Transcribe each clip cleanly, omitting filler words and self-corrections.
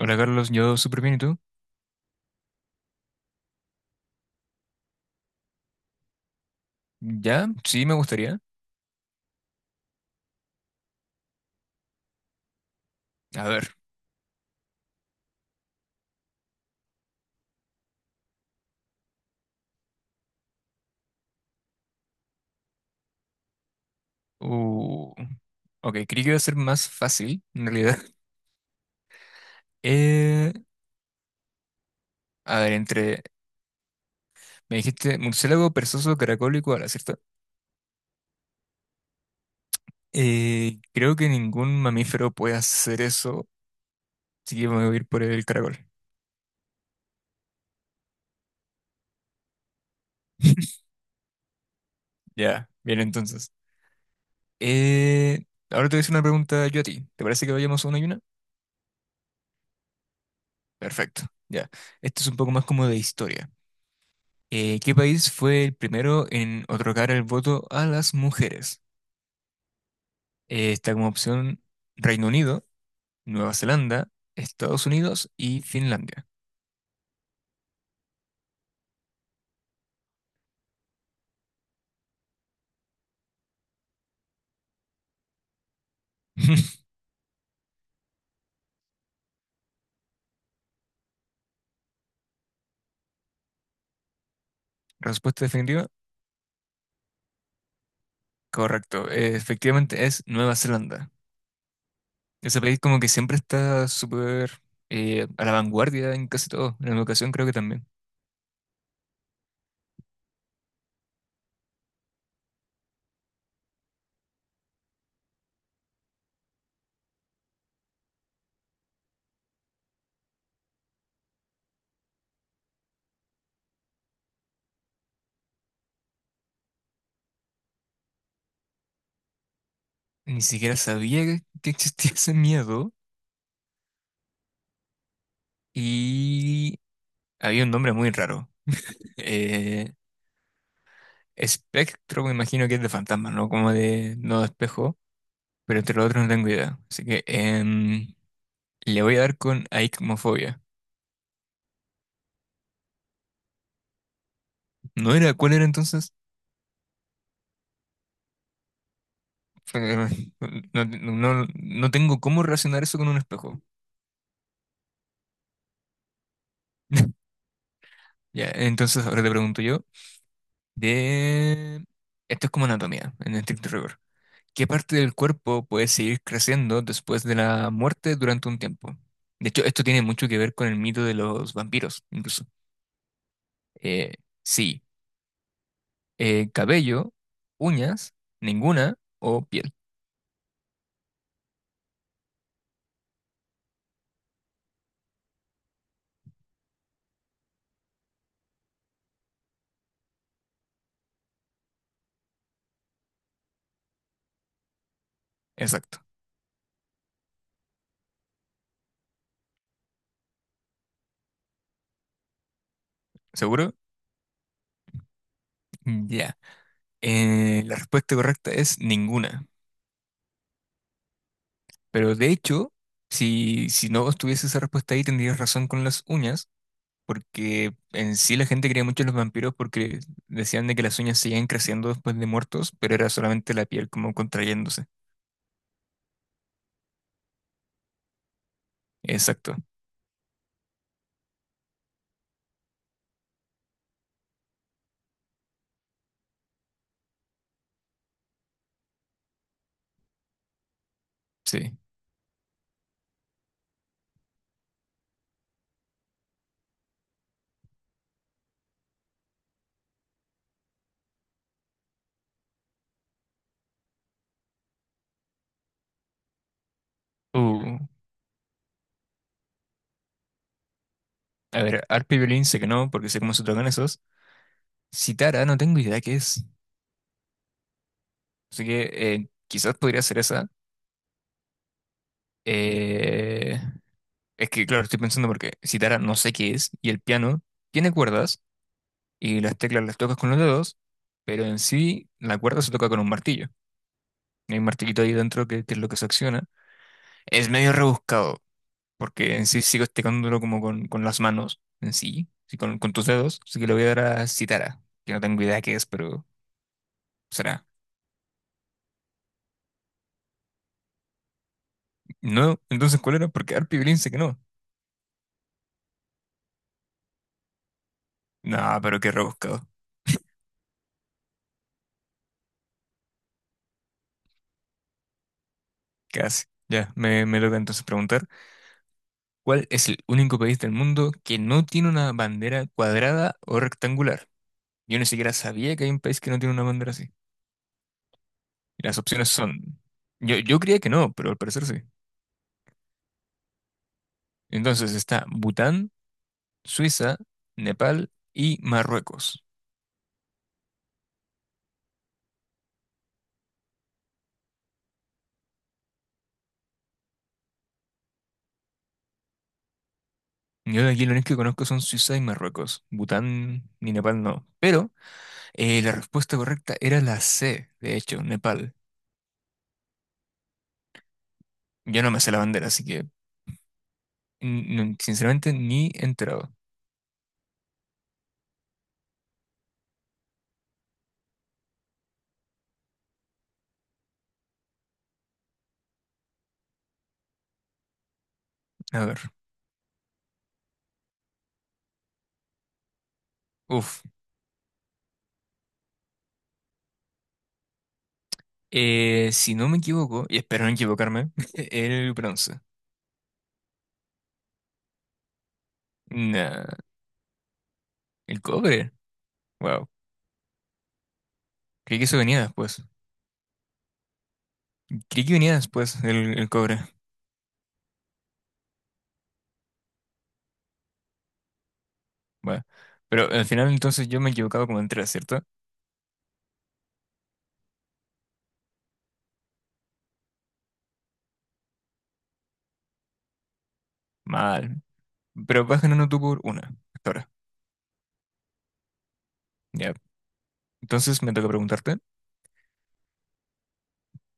Hola Carlos, yo súper bien, ¿y tú? Ya, sí, me gustaría. A ver, uh, ok, creí que iba a ser más fácil, en realidad. Eh, a ver, me dijiste murciélago, perezoso, caracol y koala, ¿cierto? Creo que ningún mamífero puede hacer eso, así que me voy a ir por el caracol. Ya, bien entonces. Eh, ahora te voy a hacer una pregunta yo a ti. ¿Te parece que vayamos a una y una? Perfecto, ya. Esto es un poco más como de historia. ¿Qué país fue el primero en otorgar el voto a las mujeres? Está como opción Reino Unido, Nueva Zelanda, Estados Unidos y Finlandia. Respuesta definitiva. Correcto. Efectivamente es Nueva Zelanda. Ese país como que siempre está súper a la vanguardia en casi todo. En la educación creo que también. Ni siquiera sabía que existía ese miedo y había un nombre muy raro. Eh, Espectro, me imagino que es de fantasma, ¿no? Como de no de espejo, pero entre los otros no tengo idea. Así que le voy a dar con aicmofobia. ¿No era? ¿Cuál era entonces? No, no, no tengo cómo relacionar eso con un espejo. Ya, entonces ahora te pregunto yo, de... esto es como anatomía, en estricto rigor. ¿Qué parte del cuerpo puede seguir creciendo después de la muerte durante un tiempo? De hecho, esto tiene mucho que ver con el mito de los vampiros, incluso. Eh, sí. Cabello, uñas, ninguna o piel. Exacto. ¿Seguro? Ya. La respuesta correcta es ninguna. Pero de hecho, si no estuviese esa respuesta ahí, tendrías razón con las uñas, porque en sí la gente creía mucho en los vampiros porque decían de que las uñas seguían creciendo después de muertos, pero era solamente la piel como contrayéndose. Exacto. Sí. Uh, a ver, arpa y violín sé que no, porque sé cómo se tocan esos. Citara, no tengo idea qué es. Así que quizás podría ser esa. Eh, es que, claro, estoy pensando porque citara no sé qué es, y el piano tiene cuerdas, y las teclas las tocas con los dedos, pero en sí la cuerda se toca con un martillo. Hay un martillito ahí dentro que es lo que se acciona. Es medio rebuscado, porque en sí sigo tecándolo como con las manos, en sí, sí, con tus dedos, así que lo voy a dar a citara, que no tengo idea qué es, pero será. No, entonces, ¿cuál era? Porque Arpi Blin sé que no. No, pero qué rebuscado. Casi. Ya, me toca entonces preguntar, ¿cuál es el único país del mundo que no tiene una bandera cuadrada o rectangular? Yo ni siquiera sabía que hay un país que no tiene una bandera así. Y las opciones son, yo creía que no, pero al parecer sí. Entonces está Bután, Suiza, Nepal y Marruecos. Yo de aquí lo único que conozco son Suiza y Marruecos. Bután ni Nepal no. Pero la respuesta correcta era la C, de hecho, Nepal. Yo no me sé la bandera, así que sinceramente ni enterado. A ver. Uf. Si no me equivoco, y espero no equivocarme, el bronce. Nah, el cobre. Wow. Creí que eso venía después. Creí que venía después el cobre. Bueno. Pero al final entonces yo me he equivocado como en tres, ¿cierto? Mal. Pero vas ganando tú por una. Hasta ahora. Ya. Entonces me toca preguntarte,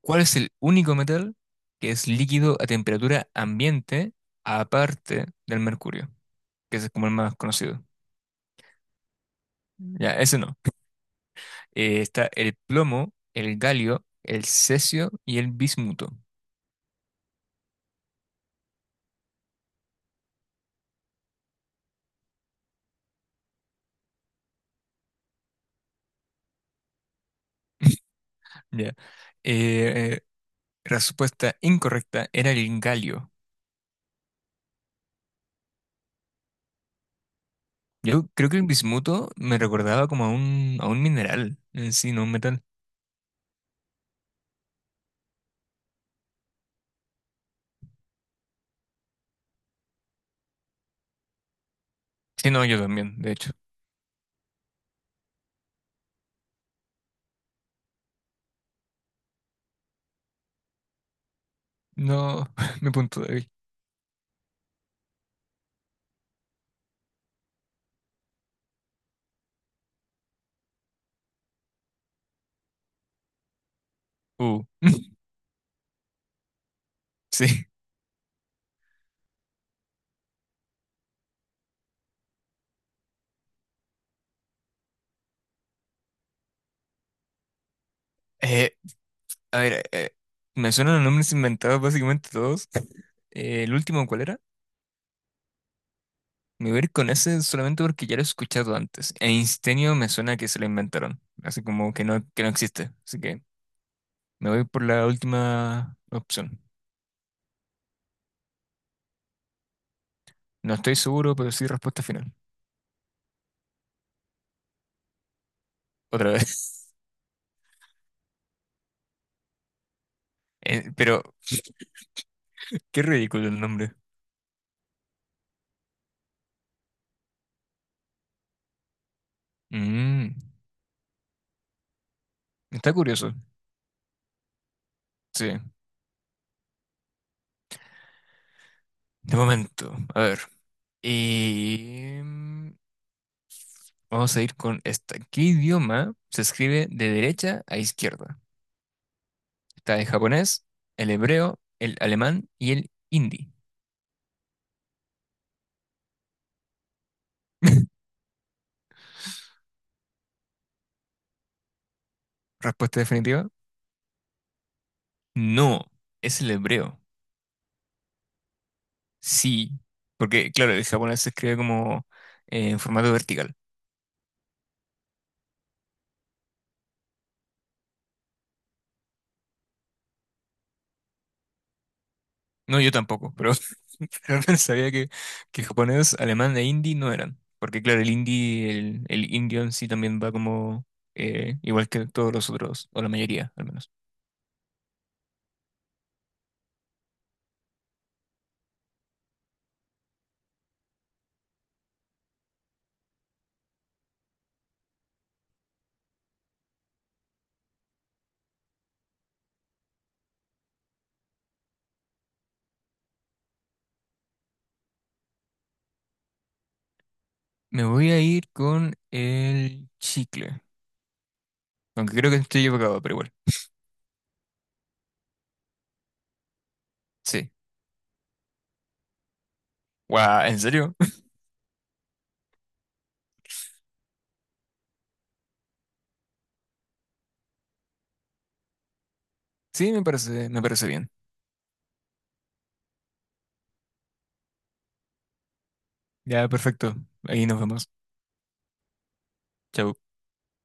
¿cuál es el único metal que es líquido a temperatura ambiente aparte del mercurio? Que ese es como el más conocido. Ya, ese no. Está el plomo, el galio, el cesio y el bismuto. Ya. Eh, respuesta incorrecta era el galio. Yo creo que el bismuto me recordaba como a a un mineral en sí, no un metal. Sí, no, yo también, de hecho. No, mi punto débil. Uh, sí. Eh, a ver, eh, me suenan los nombres inventados básicamente todos. ¿el último cuál era? Me voy a ir con ese solamente porque ya lo he escuchado antes. Einsteinio me suena que se lo inventaron. Así como que no existe. Así que me voy por la última opción. No estoy seguro, pero sí respuesta final. Otra vez. Pero qué ridículo el nombre. Mm, está curioso. Sí. De momento. A ver. Y vamos a ir con esta. ¿Qué idioma se escribe de derecha a izquierda? Está el japonés, el hebreo, el alemán y el hindi. Respuesta definitiva. No, es el hebreo. Sí, porque claro, el japonés se escribe como en formato vertical. No, yo tampoco, pero, pero no sabía que japonés, alemán e hindi no eran. Porque claro, el hindi, el indio en sí también va como igual que todos los otros, o la mayoría al menos. Me voy a ir con el chicle, aunque creo que estoy equivocado, pero igual. Sí. Guau, ¿en serio? Sí, me parece bien. Ya, perfecto. Ahí nos vemos. Chau.